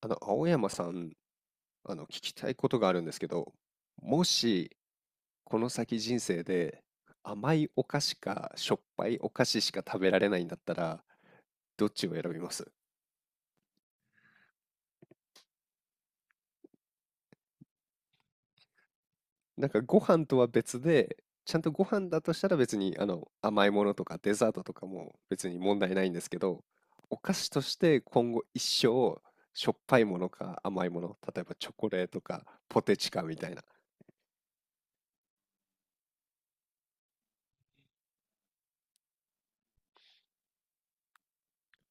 青山さん、聞きたいことがあるんですけど、もし、この先人生で、甘いお菓子か、しょっぱいお菓子しか食べられないんだったら、どっちを選びます？なんか、ご飯とは別で、ちゃんとご飯だとしたら別に、甘いものとかデザートとかも別に問題ないんですけど、お菓子として今後一生、しょっぱいものか甘いもの、例えばチョコレートかポテチかみたいな。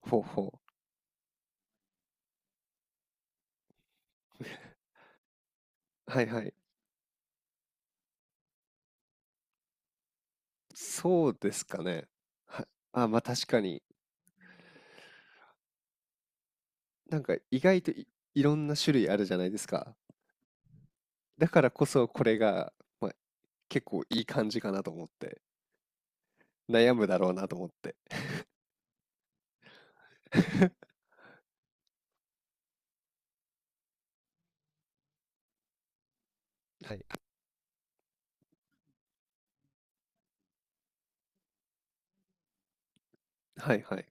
ほうほう。はいはい。そうですかね。は、あ、まあ確かに、なんか意外とい、いろんな種類あるじゃないですか。だからこそこれが、まあ、結構いい感じかなと思って、悩むだろうなと思って。はい。はいはい。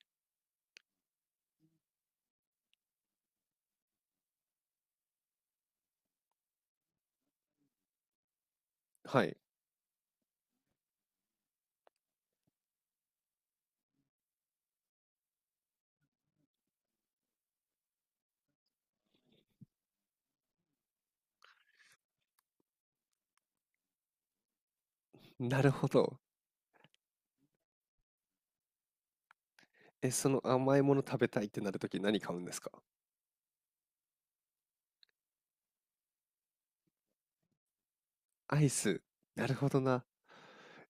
はい。なるほど。え、その甘いもの食べたいってなるとき何買うんですか？アイス。なるほどな。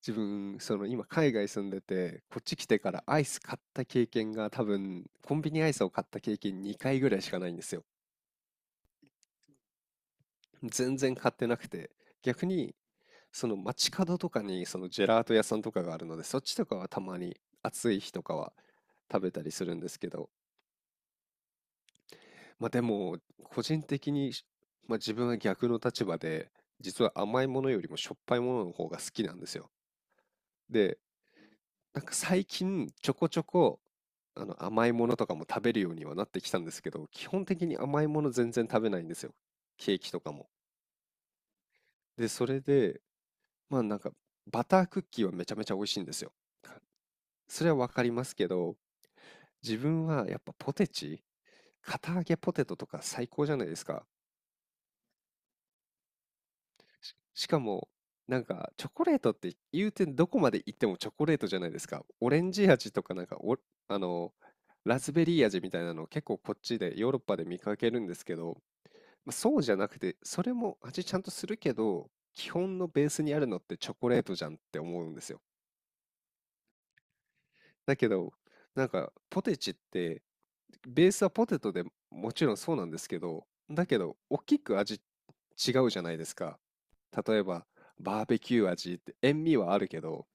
自分、その今海外住んでて、こっち来てからアイス買った経験が多分、コンビニアイスを買った経験2回ぐらいしかないんですよ。全然買ってなくて、逆にその街角とかにそのジェラート屋さんとかがあるので、そっちとかはたまに暑い日とかは食べたりするんですけど、まあでも個人的に、まあ、自分は逆の立場で、実は甘いものよりもしょっぱいものの方が好きなんですよ。で、なんか最近ちょこちょこあの甘いものとかも食べるようにはなってきたんですけど、基本的に甘いもの全然食べないんですよ。ケーキとかも。で、それで、まあなんか、バタークッキーはめちゃめちゃ美味しいんですよ。それはわかりますけど、自分はやっぱポテチ、堅揚げポテトとか最高じゃないですか。しかも、なんかチョコレートって言うてどこまで行ってもチョコレートじゃないですか。オレンジ味とかなんかお、あの、ラズベリー味みたいなの結構こっちでヨーロッパで見かけるんですけど、まあ、そうじゃなくて、それも味ちゃんとするけど、基本のベースにあるのってチョコレートじゃんって思うんですよ。だけど、なんか、ポテチって、ベースはポテトでもちろんそうなんですけど、だけど、大きく味違うじゃないですか。例えば、バーベキュー味って、塩味はあるけど、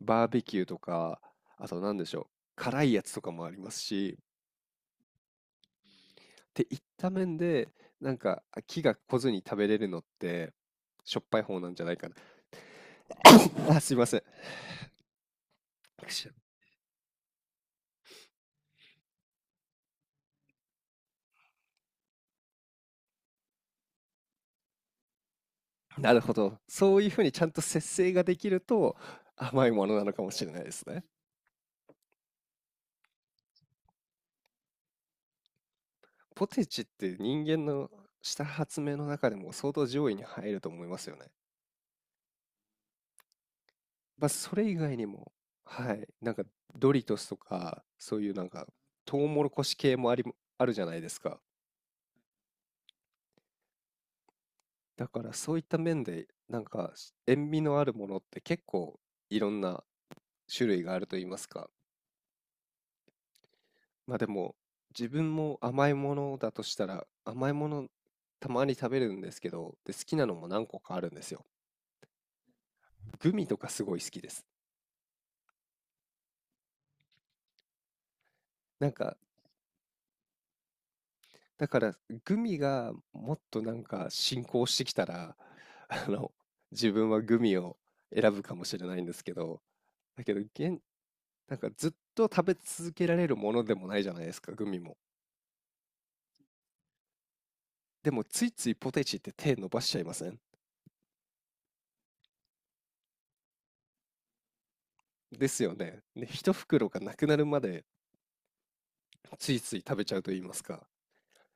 バーベキューとか、あと何でしょう、辛いやつとかもありますし、っていった面で、なんか、気が来ずに食べれるのって、しょっぱい方なんじゃないかな。あ、すいません。くしゃなるほど。そういうふうにちゃんと節制ができると、甘いものなのかもしれないですね。ポテチって人間のした発明の中でも相当上位に入ると思いますよね。まあ、それ以外にも、はい、なんかドリトスとか、そういうなんかトウモロコシ系もありあるじゃないですか。だからそういった面で、なんか塩味のあるものって結構いろんな種類があると言いますか。まあでも、自分も甘いものだとしたら、甘いものたまに食べるんですけど、で、好きなのも何個かあるんですよ。グミとかすごい好きです。なんかだから、グミがもっとなんか進行してきたら、あの、自分はグミを選ぶかもしれないんですけど、だけど、現、なんかずっと食べ続けられるものでもないじゃないですか、グミも。でも、ついついポテチって手伸ばしちゃいません？ですよね。で、一袋がなくなるまでついつい食べちゃうと言いますか。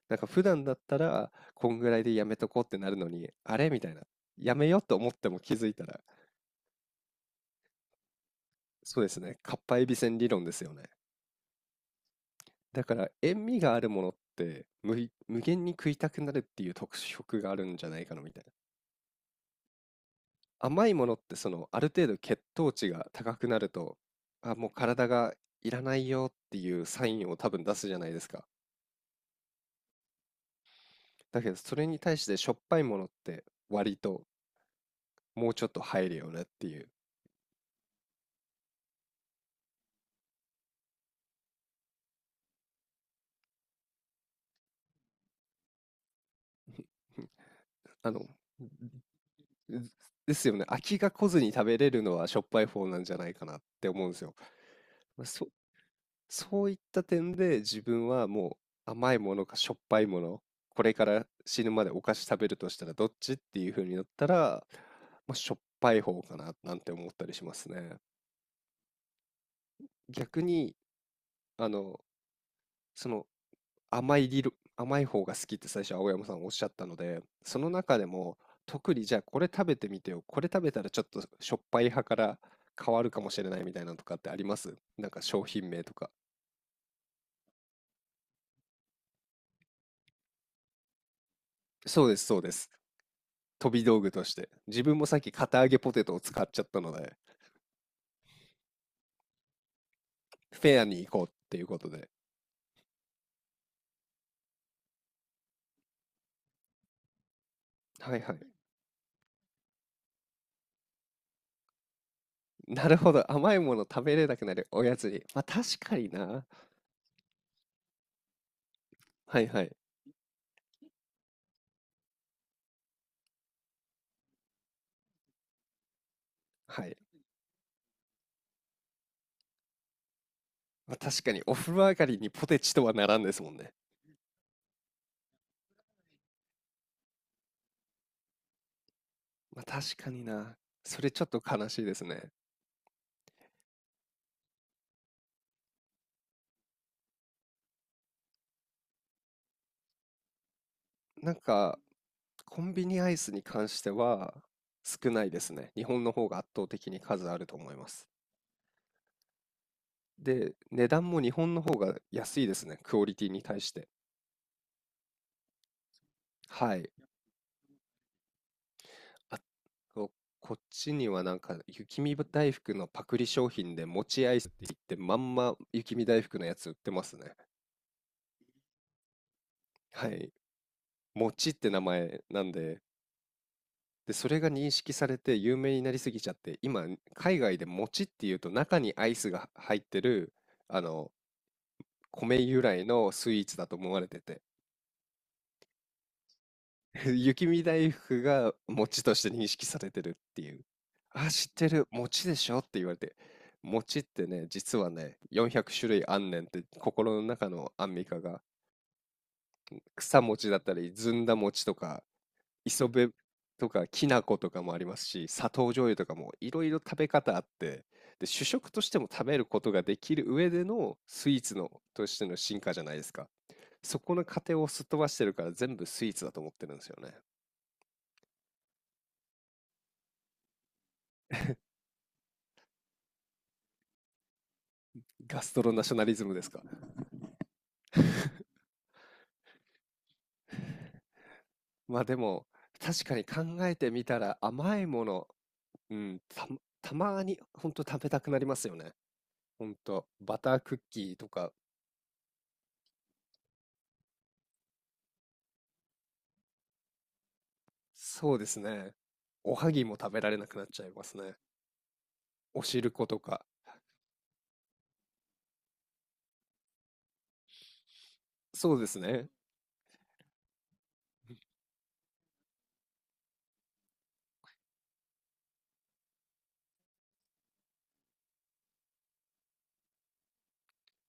なんか普段だったら、こんぐらいでやめとこうってなるのに、あれみたいな。やめようと思っても気づいたら、そうですね。かっぱえびせん理論ですよね。だから塩味があるものって無い無限に食いたくなるっていう特色があるんじゃないかなみたいな。甘いものってそのある程度血糖値が高くなると、あ、もう体がいらないよっていうサインを多分出すじゃないですか。だけどそれに対してしょっぱいものって割ともうちょっと入るよねっていう。あの、でですよね。飽きが来ずに食べれるのはしょっぱい方なんじゃないかなって思うんですよ。まあ、そういった点で自分はもう甘いものかしょっぱいもの、これから死ぬまでお菓子食べるとしたらどっちっていう風になったら、まあ、しょっぱい方かななんて思ったりしますね。逆に、あの、その甘い理論、甘い方が好きって最初青山さんおっしゃったので、その中でも特にじゃあこれ食べてみてよ、これ食べたらちょっとしょっぱい派から変わるかもしれないみたいなのとかってあります？なんか商品名とか。そうです、そうです。飛び道具として。自分もさっき片揚げポテトを使っちゃったので、フェアに行こうっていうことで。はいはい。なるほど。甘いもの食べれなくなるおやつに。まあ確かにな。はいはい。はい。まあ確かにお風呂上がりにポテチとはならんですもんね。まあ確かにな。それちょっと悲しいですね。なんか、コンビニアイスに関しては少ないですね。日本の方が圧倒的に数あると思います。で、値段も日本の方が安いですね。クオリティに対して。はい。ここっちにはなんか雪見大福のパクリ商品で餅アイスって言ってまんま雪見大福のやつ売ってますね。はい。餅って名前なんで、で、それが認識されて有名になりすぎちゃって、今海外で餅っていうと中にアイスが入ってる、あの、米由来のスイーツだと思われてて、雪見大福が餅として認識されてるっていう。あ、知ってる、餅でしょって言われて。餅ってね、実はね、400種類あんねんって、心の中のアンミカが、草餅だったり、ずんだ餅とか、磯辺とか、きな粉とかもありますし、砂糖醤油とかもいろいろ食べ方あって、で、主食としても食べることができる上でのスイーツのとしての進化じゃないですか。そこの過程をすっ飛ばしてるから全部スイーツだと思ってるんですよね。ガストロナショナリズムですか。まあでも、確かに考えてみたら甘いもの、うん、た、たまにほんと食べたくなりますよね。ほんと、バタークッキーとか、そうですね。おはぎも食べられなくなっちゃいますね。お汁粉とか。そうですね。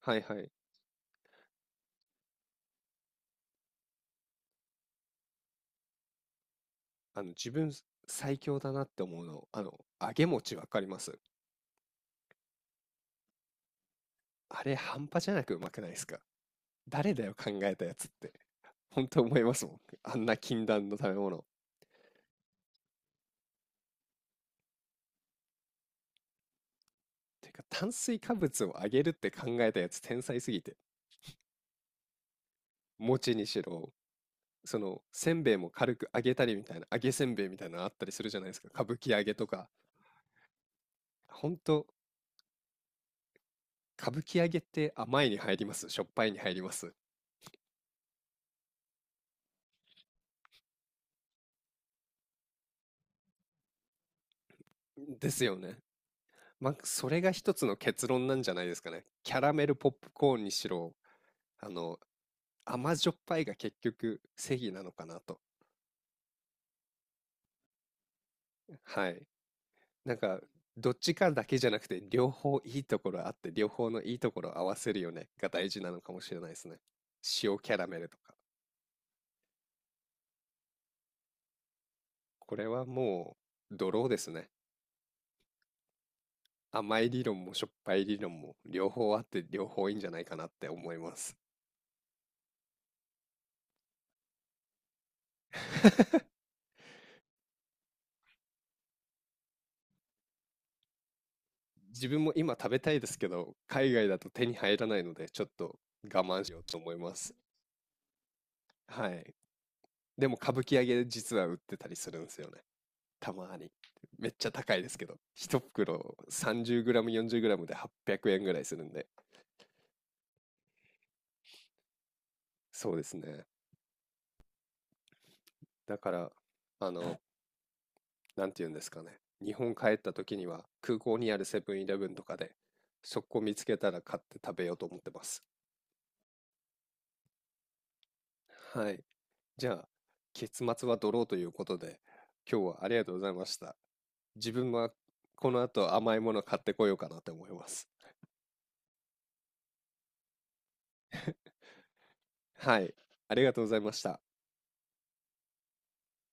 はいはい。自分最強だなって思うの、揚げ餅わかります。あれ半端じゃなくうまくないですか。誰だよ考えたやつって。本当思いますもん。あんな禁断の食べ物。てか炭水化物を上げるって考えたやつ天才すぎて餅にしろそのせんべいも軽く揚げたりみたいな揚げせんべいみたいなのあったりするじゃないですか歌舞伎揚げとかほんと歌舞伎揚げって甘いに入ります？しょっぱいに入ります？ですよね。まあそれが一つの結論なんじゃないですかね。キャラメルポップコーンにしろあの甘じょっぱいが結局正義なのかなと。はい。なんか、どっちかだけじゃなくて、両方いいところあって、両方のいいところを合わせるよねが大事なのかもしれないですね。塩キャラメルとか。これはもドローですね。甘い理論もしょっぱい理論も両方あって両方いいんじゃないかなって思います。自分も今食べたいですけど、海外だと手に入らないので、ちょっと我慢しようと思います。はい。でも、歌舞伎揚げ実は売ってたりするんですよね。たまに。めっちゃ高いですけど。一袋 30g、40g で800円ぐらいするんで。そうですね。だから、あの、なんて言うんですかね。日本帰った時には空港にあるセブンイレブンとかで、そこ見つけたら買って食べようと思ってます。はい。じゃあ、結末はドローということで、今日はありがとうございました。自分はこの後甘いもの買ってこようかなと思います。はい。ありがとうございました。